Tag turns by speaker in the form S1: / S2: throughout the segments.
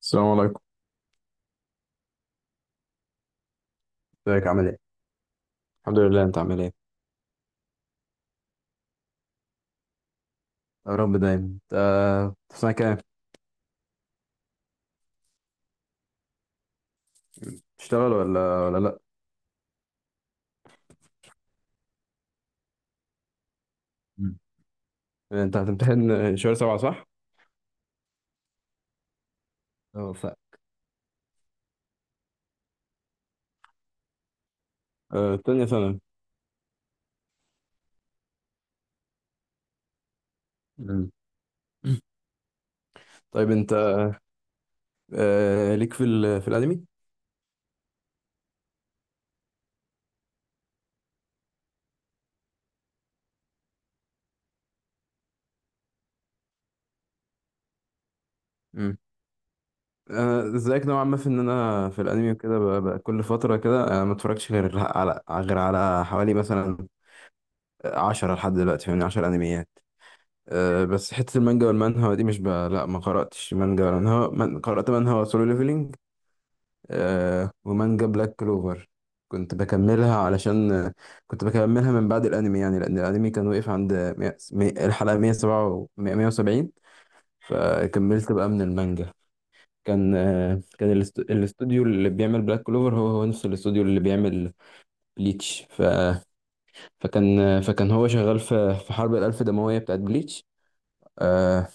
S1: السلام عليكم. ازيك، عامل ايه؟ الحمد لله. انت عامل ايه؟ يا رب دايما انت. في سنة كام؟ بتشتغل ولا لأ؟ مم. انت هتمتحن شهر سبعة، صح؟ اه ف آه، تانية ثانوي. مم. طيب انت، ليك في الأنمي؟ مم. انا زيك نوعا ما في ان انا في الانمي وكده، كل فتره كده انا ما اتفرجش غير على حوالي مثلا 10 لحد دلوقتي، فاهمني، 10 انميات. بس حته المانجا والمانهوا دي، مش ب... لا، ما قراتش مانجا ولا منهوا، قرات منهوا سولو ليفلينج. ومانجا بلاك كلوفر، كنت بكملها، علشان، كنت بكملها من بعد الانمي، يعني لان الانمي كان وقف عند الحلقة 107 و 170. فكملت بقى من المانجا. كان الاستوديو اللي بيعمل بلاك كلوفر هو نفس الاستوديو اللي بيعمل بليتش فكان هو شغال في حرب الالف دموية بتاعت بليتش. آه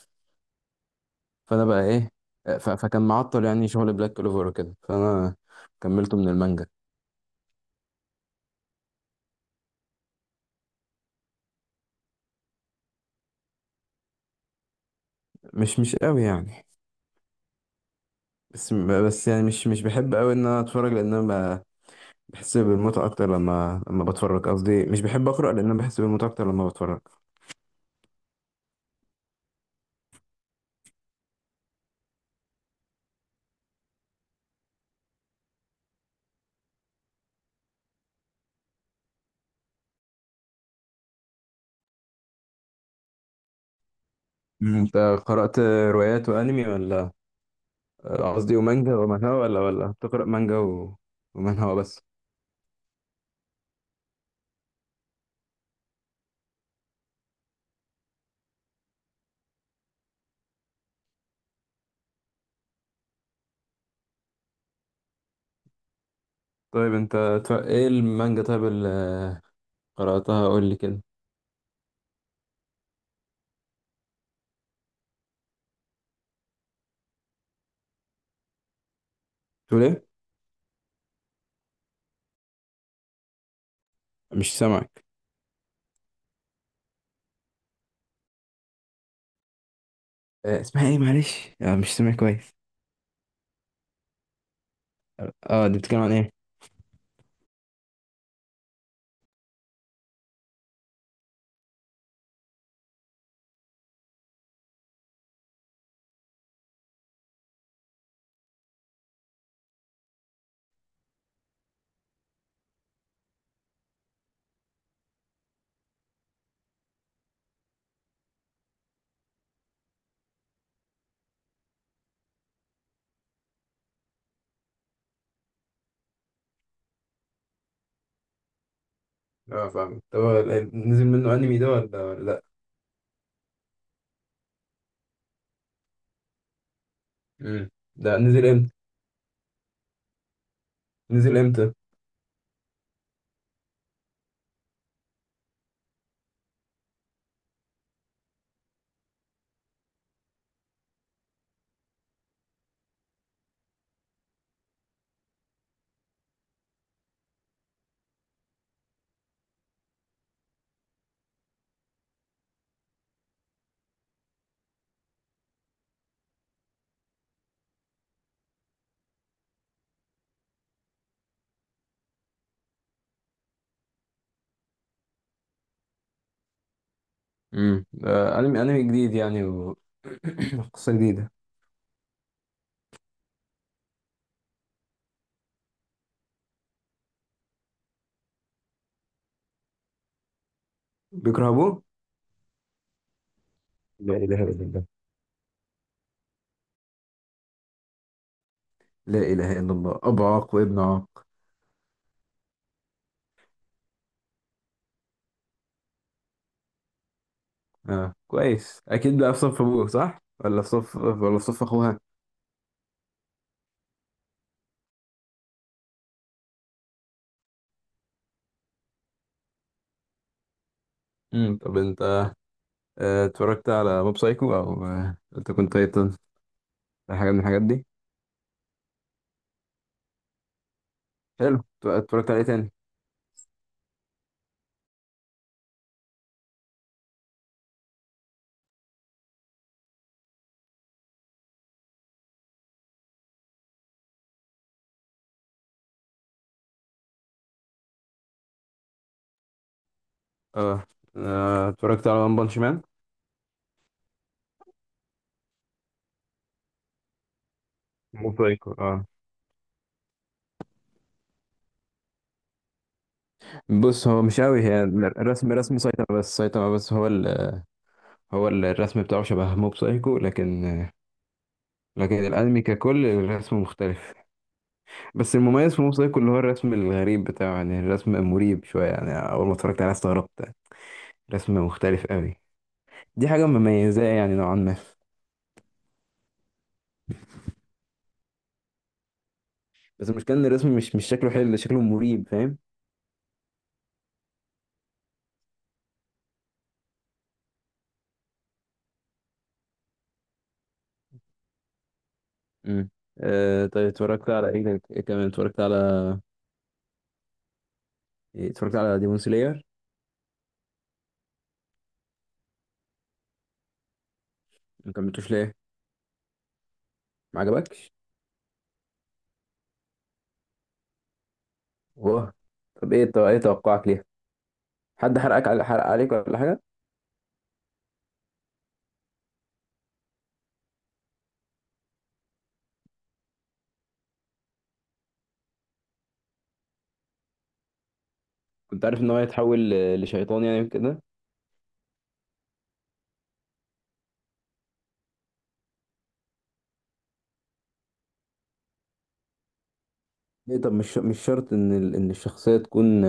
S1: فانا بقى ايه، فكان معطل يعني شغل بلاك كلوفر وكده، فانا كملته من المانجا. مش قوي يعني، بس يعني مش بحب قوي ان انا اتفرج، لان انا بحس بالمتعه اكتر لما بتفرج، قصدي مش بحب اقرا لان انا بحس بالمتعه اكتر لما بتفرج. انت قرات روايات وانمي ولا؟ قصدي ومانجا ومانهوا، ولا بتقرا مانجا ومانهوا بس؟ طيب انت، ايه المانجا طيب اللي قراتها، قول لي كده. تقول ايه؟ مش سامعك. اسمها ايه، معلش، مش سامع كويس. اه دي بتتكلم عن ايه؟ اه، فاهم. طب هو نزل منه انمي ده ولا لا؟ امم. ده نزل امتى؟ نزل امتى؟ انمي جديد يعني قصة جديدة. بيكرهبوه. لا اله الا الله. لا إله إلا الله، أبو عاق وابن عاق. آه، كويس. أكيد بقى في صف أبوه، صح؟ ولا في صف أخوها؟ طب أنت، اتفرجت على موب سايكو، أو، أنت كنت تايتن، حاجة من الحاجات دي؟ حلو. اتفرجت على إيه تاني؟ آه اتفرجت على ون بانش مان؟ موسايكو، اه. بص، هو مش قوي هي، الرسم، رسم سايتاما بس هو هو الرسم بتاعه شبه موب سايكو، لكن لكن الانمي ككل الرسم مختلف. بس المميز في موب سايكو اللي هو الرسم الغريب بتاعه، يعني الرسم مريب شويه، يعني اول ما اتفرجت عليه استغربت. رسم مختلف قوي. دي حاجه مميزاه يعني، نوعا ما. بس المشكله ان الرسم مش شكله حلو، شكله مريب، فاهم. امم. طيب اتفرجت على ايه تاني؟ إيه كمان اتفرجت على، إيه، اتفرجت على ديمون سلاير؟ ما كملتوش ليه؟ ما عجبكش؟ واه. طب ايه توقعك ليها؟ حد حرق عليك ولا حاجه؟ كنت عارف ان هو هيتحول لشيطان يعني كده؟ ليه؟ طب مش شرط ان الشخصيه تكون،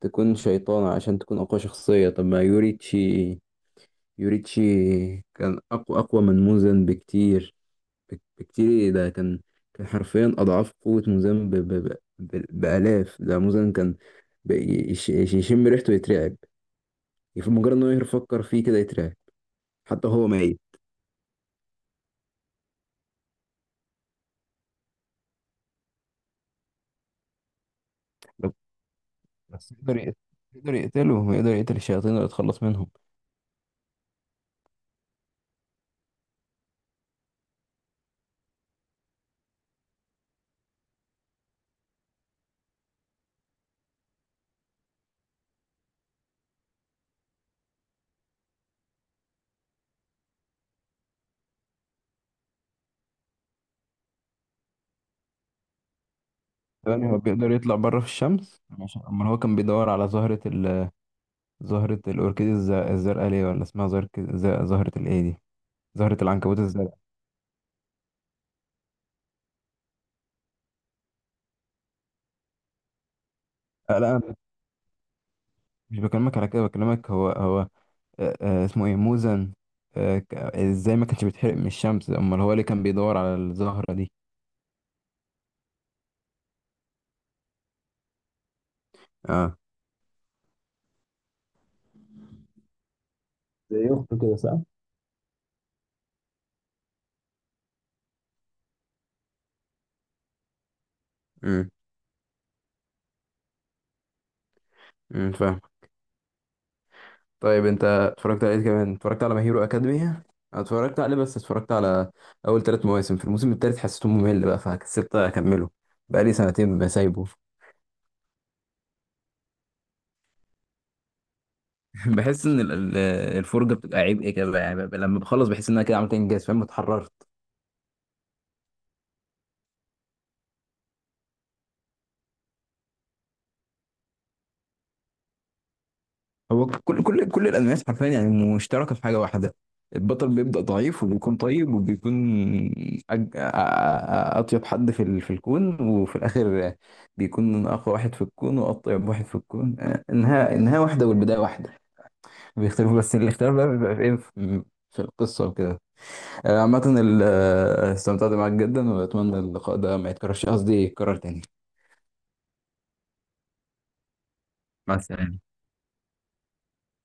S1: تكون شيطانه عشان تكون اقوى شخصيه. طب ما يوريتشي كان اقوى من موزن بكتير، بكتير، إيه ده، كان كان حرفيا اضعاف قوه موزن بالاف، ده موزن كان يشم ريحته يترعب، في مجرد ان هو يفكر فيه كده يترعب، حتى هو ميت. بس بس يقدر يقتل الشياطين اللي يتخلص منهم. يعني هو بيقدر يطلع بره في الشمس؟ عشان امال هو كان بيدور على زهرة، زهرة الأوركيد الزرقاء، ليه؟ ولا اسمها زهرة الإيه دي؟ زهرة العنكبوت الزرقاء؟ آه، لا، أنا مش بكلمك على كده، بكلمك هو، اسمه إيه، موزن، إزاي ما كانش بيتحرق من الشمس، أمال هو اللي كان بيدور على الزهرة دي؟ اه، زي اخته كده، صح؟ امم. فاهم. طيب انت، اتفرجت على ايه كمان، اتفرجت على ماهيرو اكاديمي؟ أنا اتفرجت عليه، بس اتفرجت على اول 3 مواسم. في الموسم الثالث حسيته ممل بقى فكسبت اكمله، بقى لي سنتين بسايبه. بحس ان الفرجه بتبقى عبء كده، يعني ببقى لما بخلص بحس ان انا كده عملت انجاز، فاهم، اتحررت. هو كل الانميات حرفيا يعني مشتركه في حاجه واحده، البطل بيبدا ضعيف وبيكون طيب وبيكون، أج... أ- أ- اطيب حد في الكون، وفي الاخر بيكون اقوى واحد في الكون واطيب واحد في الكون، انها واحده والبدايه واحده، بيختلفوا بس الاختلاف بقى بيبقى في ايه، في القصه وكده. عامه استمتعت معاك جدا، واتمنى اللقاء ده ما يتكررش، قصدي يتكرر تاني. مع السلامة.